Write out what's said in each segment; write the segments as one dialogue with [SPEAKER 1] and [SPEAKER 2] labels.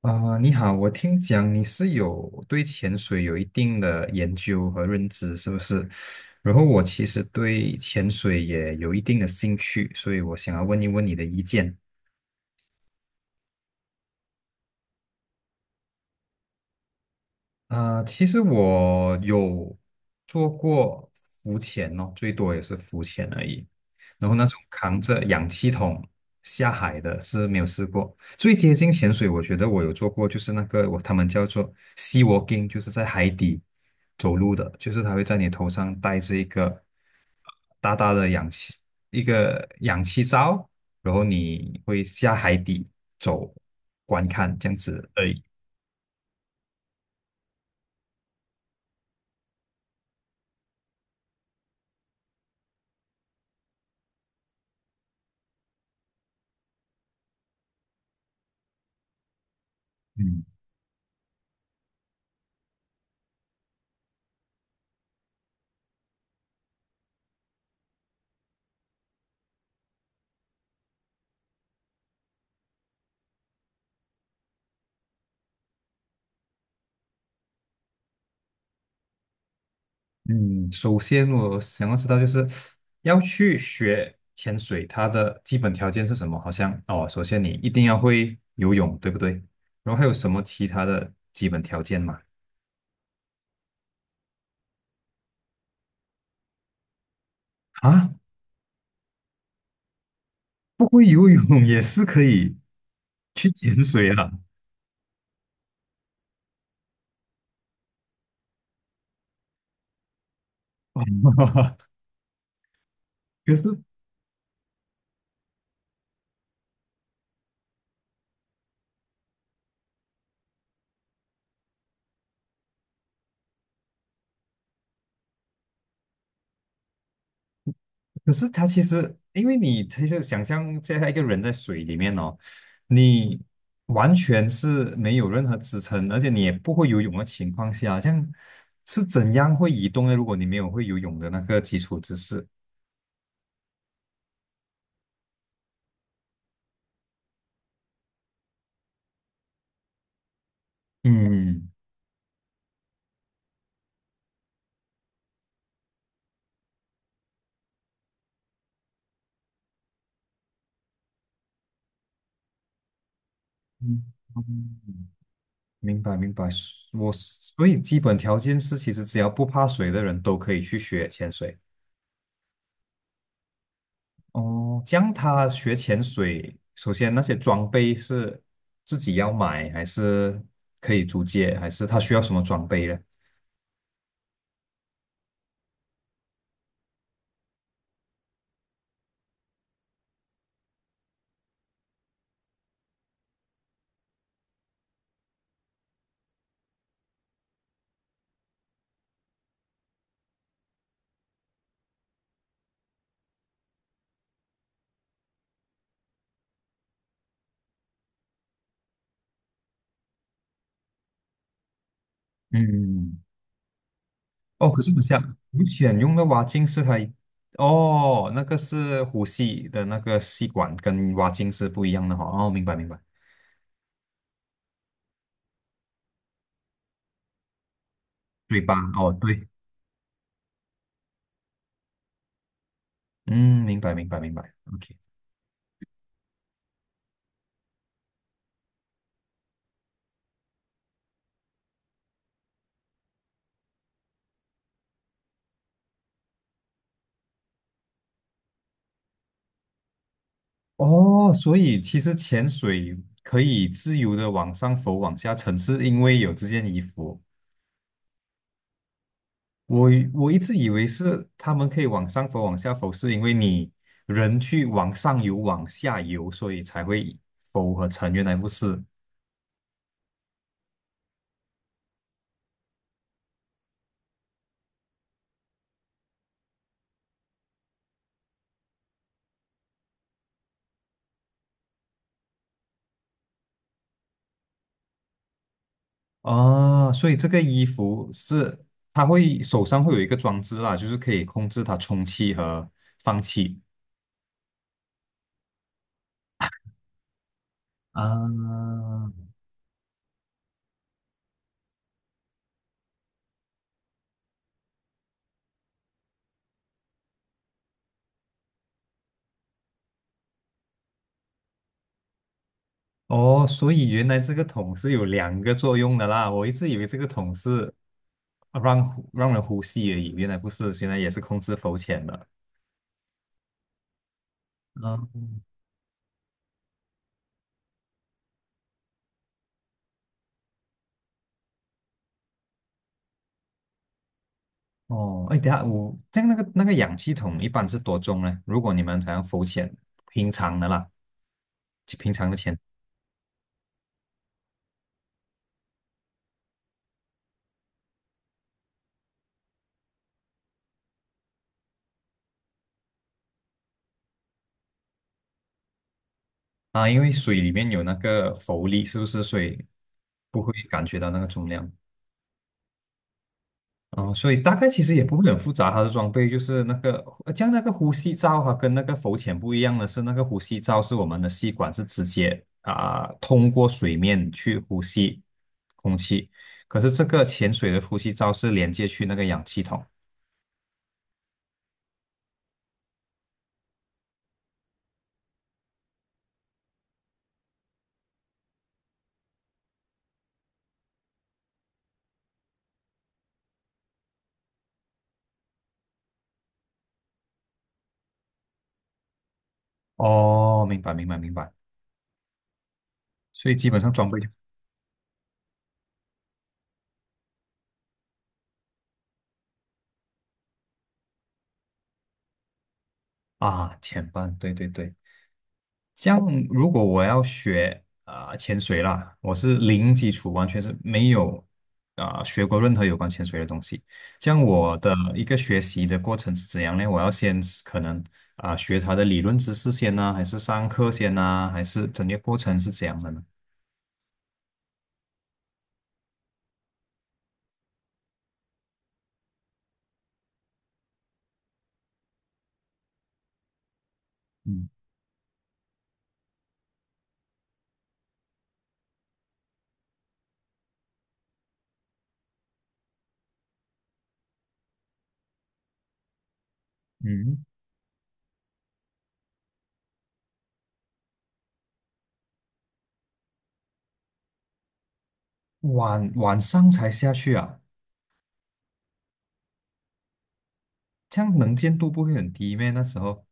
[SPEAKER 1] 啊，你好，我听讲你是有对潜水有一定的研究和认知，是不是？然后我其实对潜水也有一定的兴趣，所以我想要问一问你的意见。啊、其实我有做过浮潜哦，最多也是浮潜而已。然后那种扛着氧气筒下海的是没有试过。最接近潜水，我觉得我有做过，就是那个我他们叫做 sea walking，就是在海底走路的，就是他会在你头上戴着一个大大的氧气一个氧气罩，然后你会下海底走观看这样子而已。嗯。嗯，首先我想要知道，就是要去学潜水，它的基本条件是什么？好像哦，首先你一定要会游泳，对不对？然后还有什么其他的基本条件吗？啊，不会游泳也是可以去潜水啊！可是可是他其实，因为你其实想象现在一个人在水里面哦，你完全是没有任何支撑，而且你也不会游泳的情况下，这样是怎样会移动呢？如果你没有会游泳的那个基础知识，嗯嗯，嗯明白明白。我所以基本条件是，其实只要不怕水的人都可以去学潜水。哦，这样他学潜水，首先那些装备是自己要买，还是可以租借，还是他需要什么装备呢？嗯，哦，可是等下，浮潜用的蛙镜是它一，哦，那个是呼吸的那个吸管，跟蛙镜是不一样的哈。哦，明白明白，对吧？哦，对，嗯，明白明白明白。OK，哦，所以其实潜水可以自由的往上浮、往下沉，是因为有这件衣服。我以我一直以为是他们可以往上浮、往下浮，是因为你人去往上游、往下游，所以才会浮和沉。原来不是啊，所以这个衣服是它会手上会有一个装置啦，就是可以控制它充气和放气啊，哦。所以原来这个桶是有两个作用的啦，我一直以为这个桶是让人呼吸而已，原来不是，原来也是控制浮潜的。哦，哎，等下我这样那个氧气筒一般是多重呢？如果你们想要浮潜，平常的啦，就平常的潜啊，因为水里面有那个浮力，是不是？所以不会感觉到那个重量。哦，所以大概其实也不会很复杂，它的装备就是那个，像那个呼吸罩哈，跟那个浮潜不一样的是，那个呼吸罩是我们的吸管是直接啊、通过水面去呼吸空气，可是这个潜水的呼吸罩是连接去那个氧气筒。哦，明白，明白，明白。所以基本上装备就啊，前半，对对对。像如果我要学啊、潜水啦，我是零基础，完全是没有啊、学过任何有关潜水的东西。像我的一个学习的过程是怎样呢？我要先是可能啊、学它的理论知识先呢、还是上课先呢、还是整个过程是怎样的呢？嗯嗯，晚晚上才下去啊，这样能见度不会很低咩？那时候，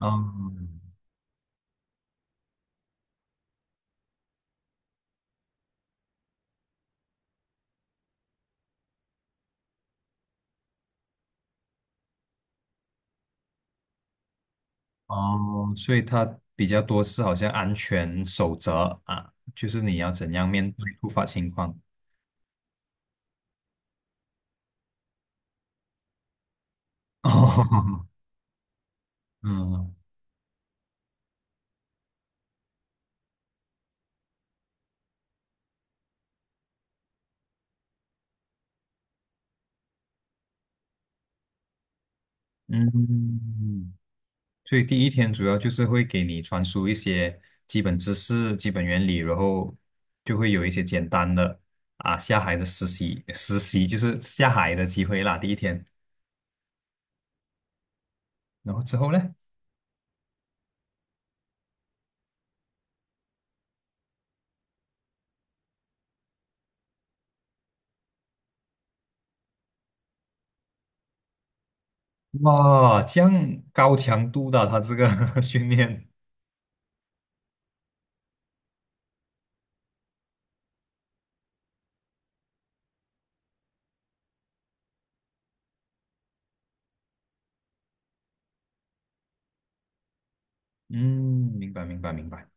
[SPEAKER 1] 嗯。哦，所以它比较多是好像安全守则啊，就是你要怎样面对突发情况。哦，嗯嗯，所以第一天主要就是会给你传输一些基本知识、基本原理，然后就会有一些简单的啊下海的实习，实习就是下海的机会啦。第一天，然后之后呢？哇，这样高强度的他这个 训练，嗯，明白明白明白。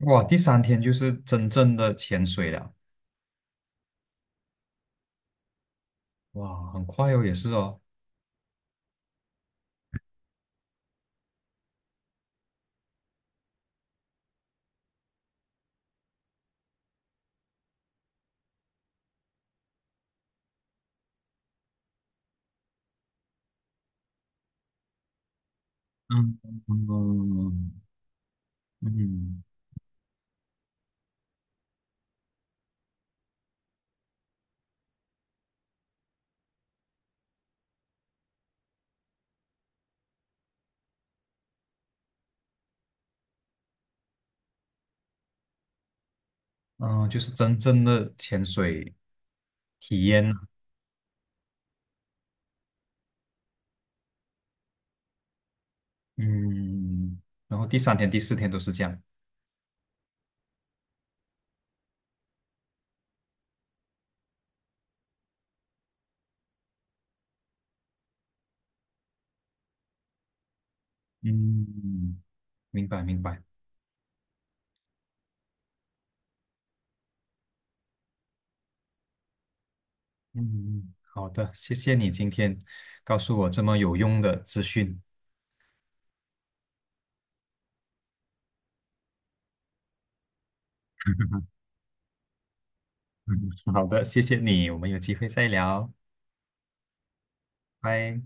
[SPEAKER 1] 哇，第三天就是真正的潜水了，哇，很快哦，也是哦，嗯嗯嗯，嗯，就是真正的潜水体验啊嗯，然后第三天、第四天都是这样，嗯，明白明白，嗯，好的，谢谢你今天告诉我这么有用的资讯，嗯好的，谢谢你，我们有机会再聊，拜。